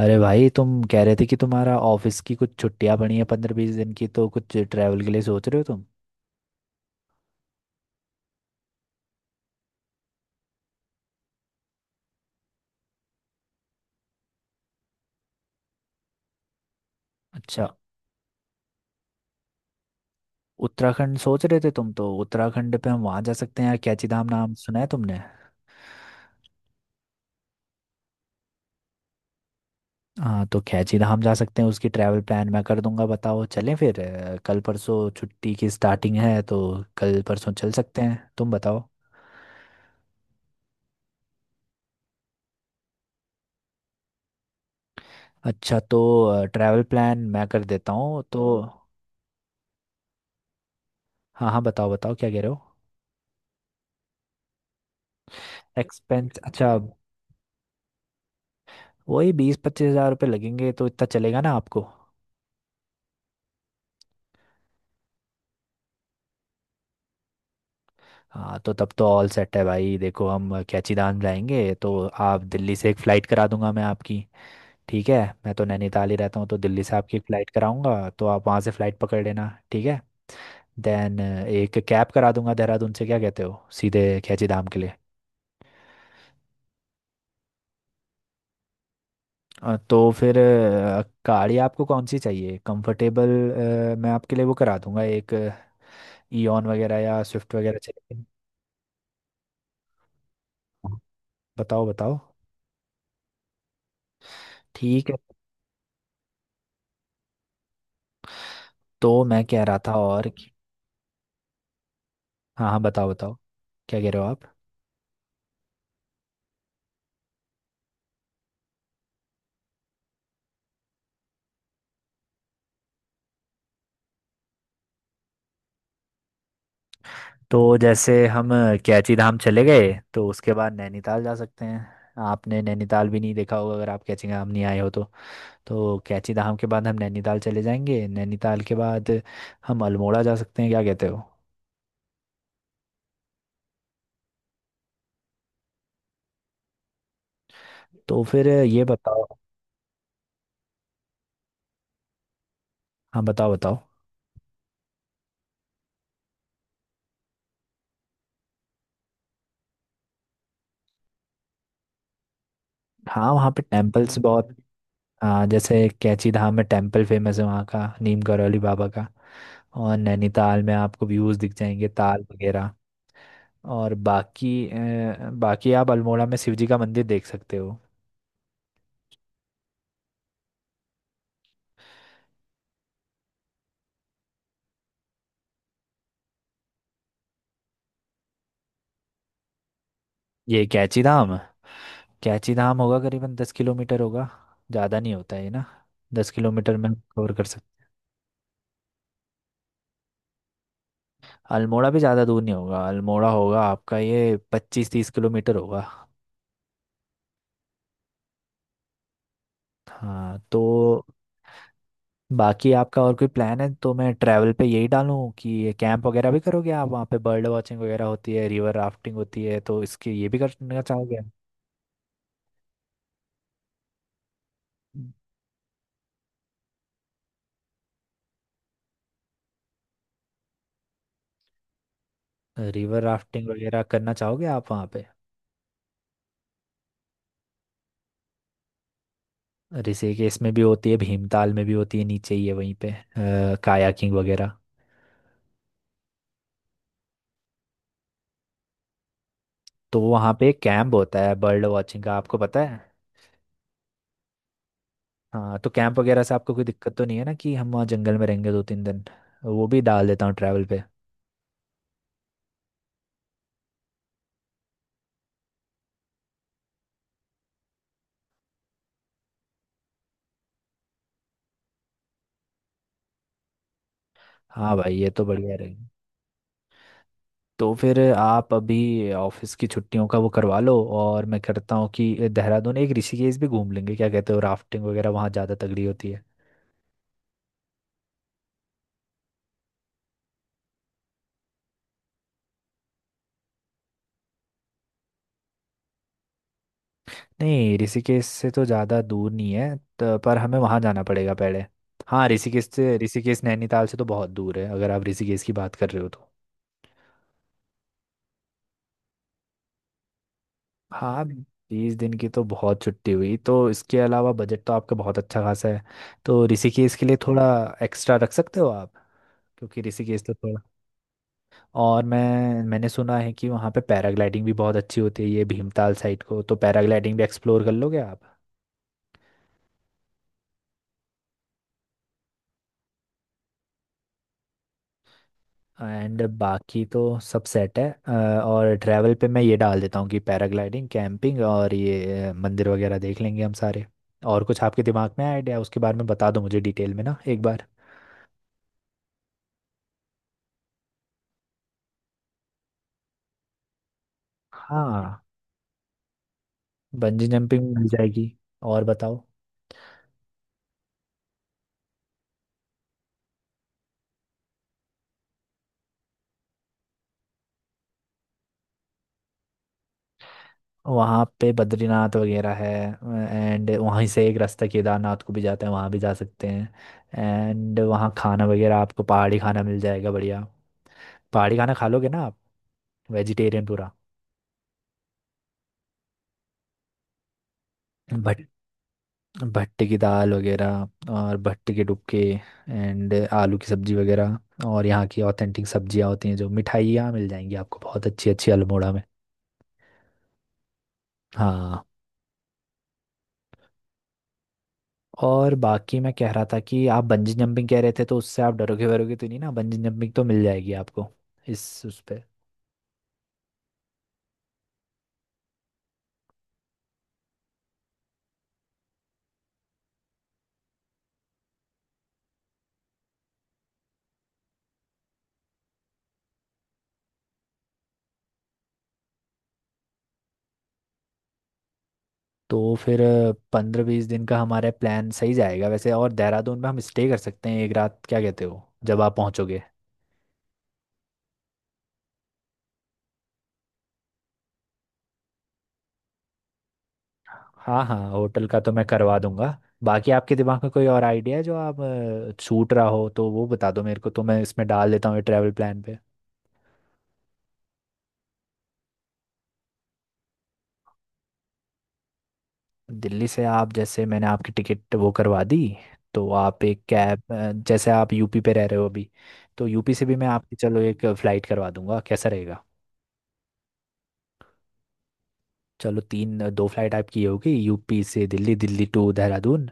अरे भाई तुम कह रहे थे कि तुम्हारा ऑफिस की कुछ छुट्टियां पड़ी हैं 15-20 दिन की, तो कुछ ट्रैवल के लिए सोच रहे हो तुम। अच्छा। उत्तराखंड सोच रहे थे तुम, तो उत्तराखंड पे हम वहाँ जा सकते हैं यार। कैची धाम नाम सुना है तुमने? हाँ तो कैची धाम जा सकते हैं। उसकी ट्रैवल प्लान मैं कर दूंगा। बताओ चलें फिर। कल परसों छुट्टी की स्टार्टिंग है तो कल परसों चल सकते हैं। तुम बताओ। अच्छा। तो ट्रैवल प्लान मैं कर देता हूँ तो। हाँ हाँ बताओ बताओ, क्या कह रहे हो? एक्सपेंस। अच्छा। वही 20-25 हजार रुपये लगेंगे, तो इतना चलेगा ना आपको? हाँ तो तब तो ऑल सेट है भाई। देखो हम कैचीदान जाएंगे तो आप दिल्ली से एक फ़्लाइट करा दूंगा मैं आपकी। ठीक है। मैं तो नैनीताल ही रहता हूँ, तो दिल्ली से आपकी एक फ़्लाइट कराऊंगा, तो आप वहाँ से फ़्लाइट पकड़ लेना। ठीक है। देन एक कैब करा दूंगा देहरादून से। क्या कहते हो, सीधे कैचीधाम के लिए? तो फिर गाड़ी आपको कौन सी चाहिए, कंफर्टेबल? मैं आपके लिए वो करा दूंगा एक। ईऑन वगैरह या स्विफ्ट वगैरह चाहिए? बताओ बताओ। ठीक है। तो मैं कह रहा था और हाँ हाँ बताओ बताओ, क्या कह रहे हो आप? तो जैसे हम कैची धाम चले गए तो उसके बाद नैनीताल जा सकते हैं। आपने नैनीताल भी नहीं देखा होगा, अगर आप कैची धाम नहीं आए हो तो। तो कैची धाम के बाद हम नैनीताल चले जाएंगे। नैनीताल के बाद हम अल्मोड़ा जा सकते हैं, क्या कहते हो? तो फिर ये बताओ। हाँ बताओ बताओ। हाँ वहाँ पे टेम्पल्स बहुत। हाँ जैसे कैची धाम में टेम्पल फेमस है वहाँ का, नीम करौली बाबा का। और नैनीताल में आपको व्यूज़ दिख जाएंगे, ताल वगैरह। और बाकी बाकी आप अल्मोड़ा में शिव जी का मंदिर देख सकते हो। ये कैची धाम। कैची धाम होगा करीबन 10 किलोमीटर होगा। ज़्यादा नहीं होता है ना। 10 किलोमीटर में कवर कर सकते। अल्मोड़ा भी ज़्यादा दूर नहीं होगा। अल्मोड़ा होगा आपका ये 25-30 किलोमीटर होगा। हाँ तो। बाकी आपका और कोई प्लान है तो मैं ट्रैवल पे यही डालूं कि ये कैंप वगैरह भी करोगे आप वहाँ पे? बर्ड वॉचिंग वगैरह होती है, रिवर राफ्टिंग होती है, तो इसके ये भी करना चाहोगे? रिवर राफ्टिंग वगैरह करना चाहोगे आप वहाँ पे? ऋषिकेश केस में भी होती है, भीमताल में भी होती है, नीचे ही है वहीं पे। कायाकिंग वगैरह। तो वहाँ पे कैंप होता है बर्ड वॉचिंग का, आपको पता है? हाँ तो कैंप वगैरह से आपको कोई दिक्कत तो नहीं है ना, कि हम वहाँ जंगल में रहेंगे 2-3 दिन? वो भी डाल देता हूँ ट्रैवल पे। हाँ भाई ये तो बढ़िया रहेगी। तो फिर आप अभी ऑफिस की छुट्टियों का वो करवा लो, और मैं करता हूँ कि देहरादून एक ऋषिकेश भी घूम लेंगे। क्या कहते हो, राफ्टिंग वगैरह वहाँ ज़्यादा तगड़ी होती है। नहीं ऋषिकेश से तो ज़्यादा दूर नहीं है तो, पर हमें वहाँ जाना पड़ेगा पहले। हाँ ऋषिकेश से, ऋषिकेश नैनीताल से तो बहुत दूर है, अगर आप ऋषिकेश की बात कर रहे हो तो। हाँ 20 दिन की तो बहुत छुट्टी हुई, तो इसके अलावा बजट तो आपका बहुत अच्छा खासा है। तो ऋषिकेश के लिए थोड़ा एक्स्ट्रा रख सकते हो आप, क्योंकि ऋषिकेश तो थोड़ा। और मैंने सुना है कि वहाँ पे पैराग्लाइडिंग भी बहुत अच्छी होती है ये भीमताल साइड को, तो पैराग्लाइडिंग भी एक्सप्लोर कर लोगे आप। एंड बाकी तो सब सेट है। और ट्रैवल पे मैं ये डाल देता हूँ कि पैराग्लाइडिंग, कैंपिंग और ये मंदिर वगैरह देख लेंगे हम सारे। और कुछ आपके दिमाग में आइडिया उसके बारे में बता दो मुझे, डिटेल में ना एक बार। हाँ। बंजी जंपिंग मिल जाएगी। और बताओ। वहाँ पे बद्रीनाथ वगैरह है। एंड वहीं से एक रास्ता केदारनाथ को भी जाता है, वहाँ भी जा सकते हैं। एंड वहाँ खाना वगैरह आपको पहाड़ी खाना मिल जाएगा बढ़िया। पहाड़ी खाना खा लोगे ना आप? वेजिटेरियन पूरा। बट भट्टे की दाल वगैरह और भट्टे के डुबके, एंड आलू की सब्जी वगैरह। और यहाँ की ऑथेंटिक सब्जियाँ होती हैं, जो मिठाइयाँ मिल जाएंगी आपको बहुत अच्छी अच्छी अल्मोड़ा में। हाँ। और बाकी मैं कह रहा था कि आप बंजी जंपिंग कह रहे थे तो उससे आप डरोगे वरोगे तो नहीं ना? बंजी जंपिंग तो मिल जाएगी आपको इस उस पे। तो फिर 15-20 दिन का हमारा प्लान सही जाएगा वैसे। और देहरादून में हम स्टे कर सकते हैं एक रात, क्या कहते हो, जब आप पहुँचोगे। हाँ हाँ होटल का तो मैं करवा दूंगा। बाकी आपके दिमाग में कोई और आइडिया है जो आप छूट रहा हो तो वो बता दो मेरे को, तो मैं इसमें डाल देता हूँ ये ट्रैवल प्लान पे। दिल्ली से आप, जैसे मैंने आपकी टिकट वो करवा दी, तो आप एक कैब, जैसे आप यूपी पे रह रहे हो अभी, तो यूपी से भी मैं आपकी चलो एक फ्लाइट करवा दूंगा, कैसा रहेगा? चलो तीन दो फ्लाइट आपकी ये होगी, यूपी से दिल्ली, दिल्ली टू देहरादून।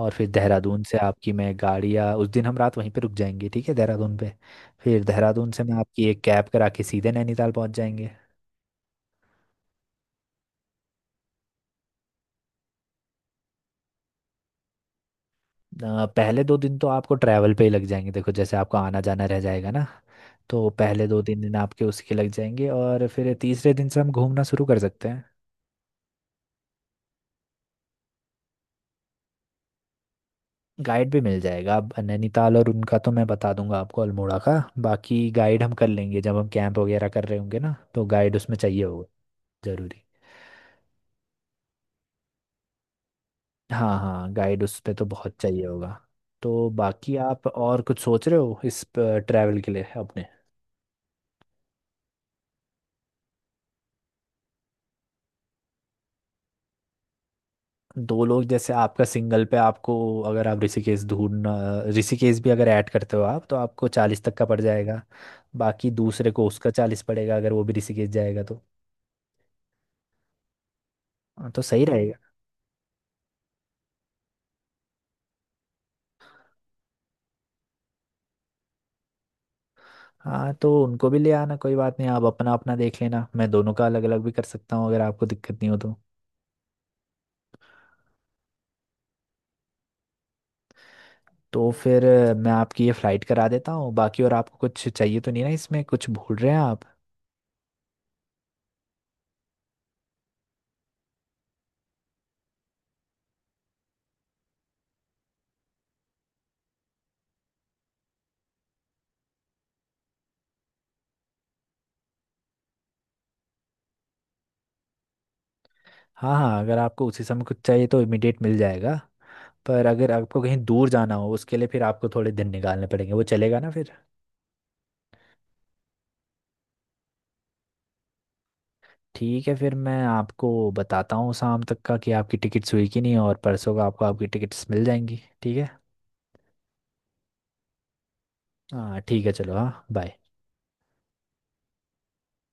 और फिर देहरादून से आपकी मैं गाड़ी, या उस दिन हम रात वहीं पे रुक जाएंगे, ठीक है, देहरादून पे। फिर देहरादून से मैं आपकी एक कैब करा के सीधे नैनीताल पहुंच जाएंगे। पहले 2 दिन तो आपको ट्रैवल पे ही लग जाएंगे। देखो जैसे आपको आना जाना रह जाएगा ना, तो पहले 2-3 दिन आपके उसके लग जाएंगे, और फिर तीसरे दिन से हम घूमना शुरू कर सकते हैं। गाइड भी मिल जाएगा अब नैनीताल, और उनका तो मैं बता दूंगा आपको अल्मोड़ा का। बाकी गाइड हम कर लेंगे, जब हम कैंप वगैरह कर रहे होंगे ना, तो गाइड उसमें चाहिए होगा, जरूरी। हाँ हाँ गाइड उस पे तो बहुत चाहिए होगा। तो बाकी आप और कुछ सोच रहे हो इस ट्रैवल के लिए अपने? दो लोग जैसे आपका सिंगल पे आपको, अगर आप ऋषिकेश ढूंढना, ऋषिकेश भी अगर ऐड करते हो आप, तो आपको 40 तक का पड़ जाएगा। बाकी दूसरे को उसका 40 पड़ेगा, अगर वो भी ऋषिकेश जाएगा तो। हाँ, तो सही रहेगा। हाँ तो उनको भी ले आना, कोई बात नहीं। आप अपना अपना देख लेना। मैं दोनों का अलग अलग भी कर सकता हूँ, अगर आपको दिक्कत नहीं हो तो। तो फिर मैं आपकी ये फ्लाइट करा देता हूँ। बाकी और आपको कुछ चाहिए तो नहीं ना, इसमें कुछ भूल रहे हैं आप? हाँ हाँ अगर आपको उसी समय कुछ चाहिए तो इमिडिएट मिल जाएगा। पर अगर आपको कहीं दूर जाना हो, उसके लिए फिर आपको थोड़े दिन निकालने पड़ेंगे, वो चलेगा ना फिर? ठीक है फिर मैं आपको बताता हूँ शाम तक का कि आपकी टिकट्स हुई कि नहीं, और परसों का आपको आपकी टिकट्स मिल जाएंगी। ठीक है। हाँ ठीक है चलो। हाँ बाय।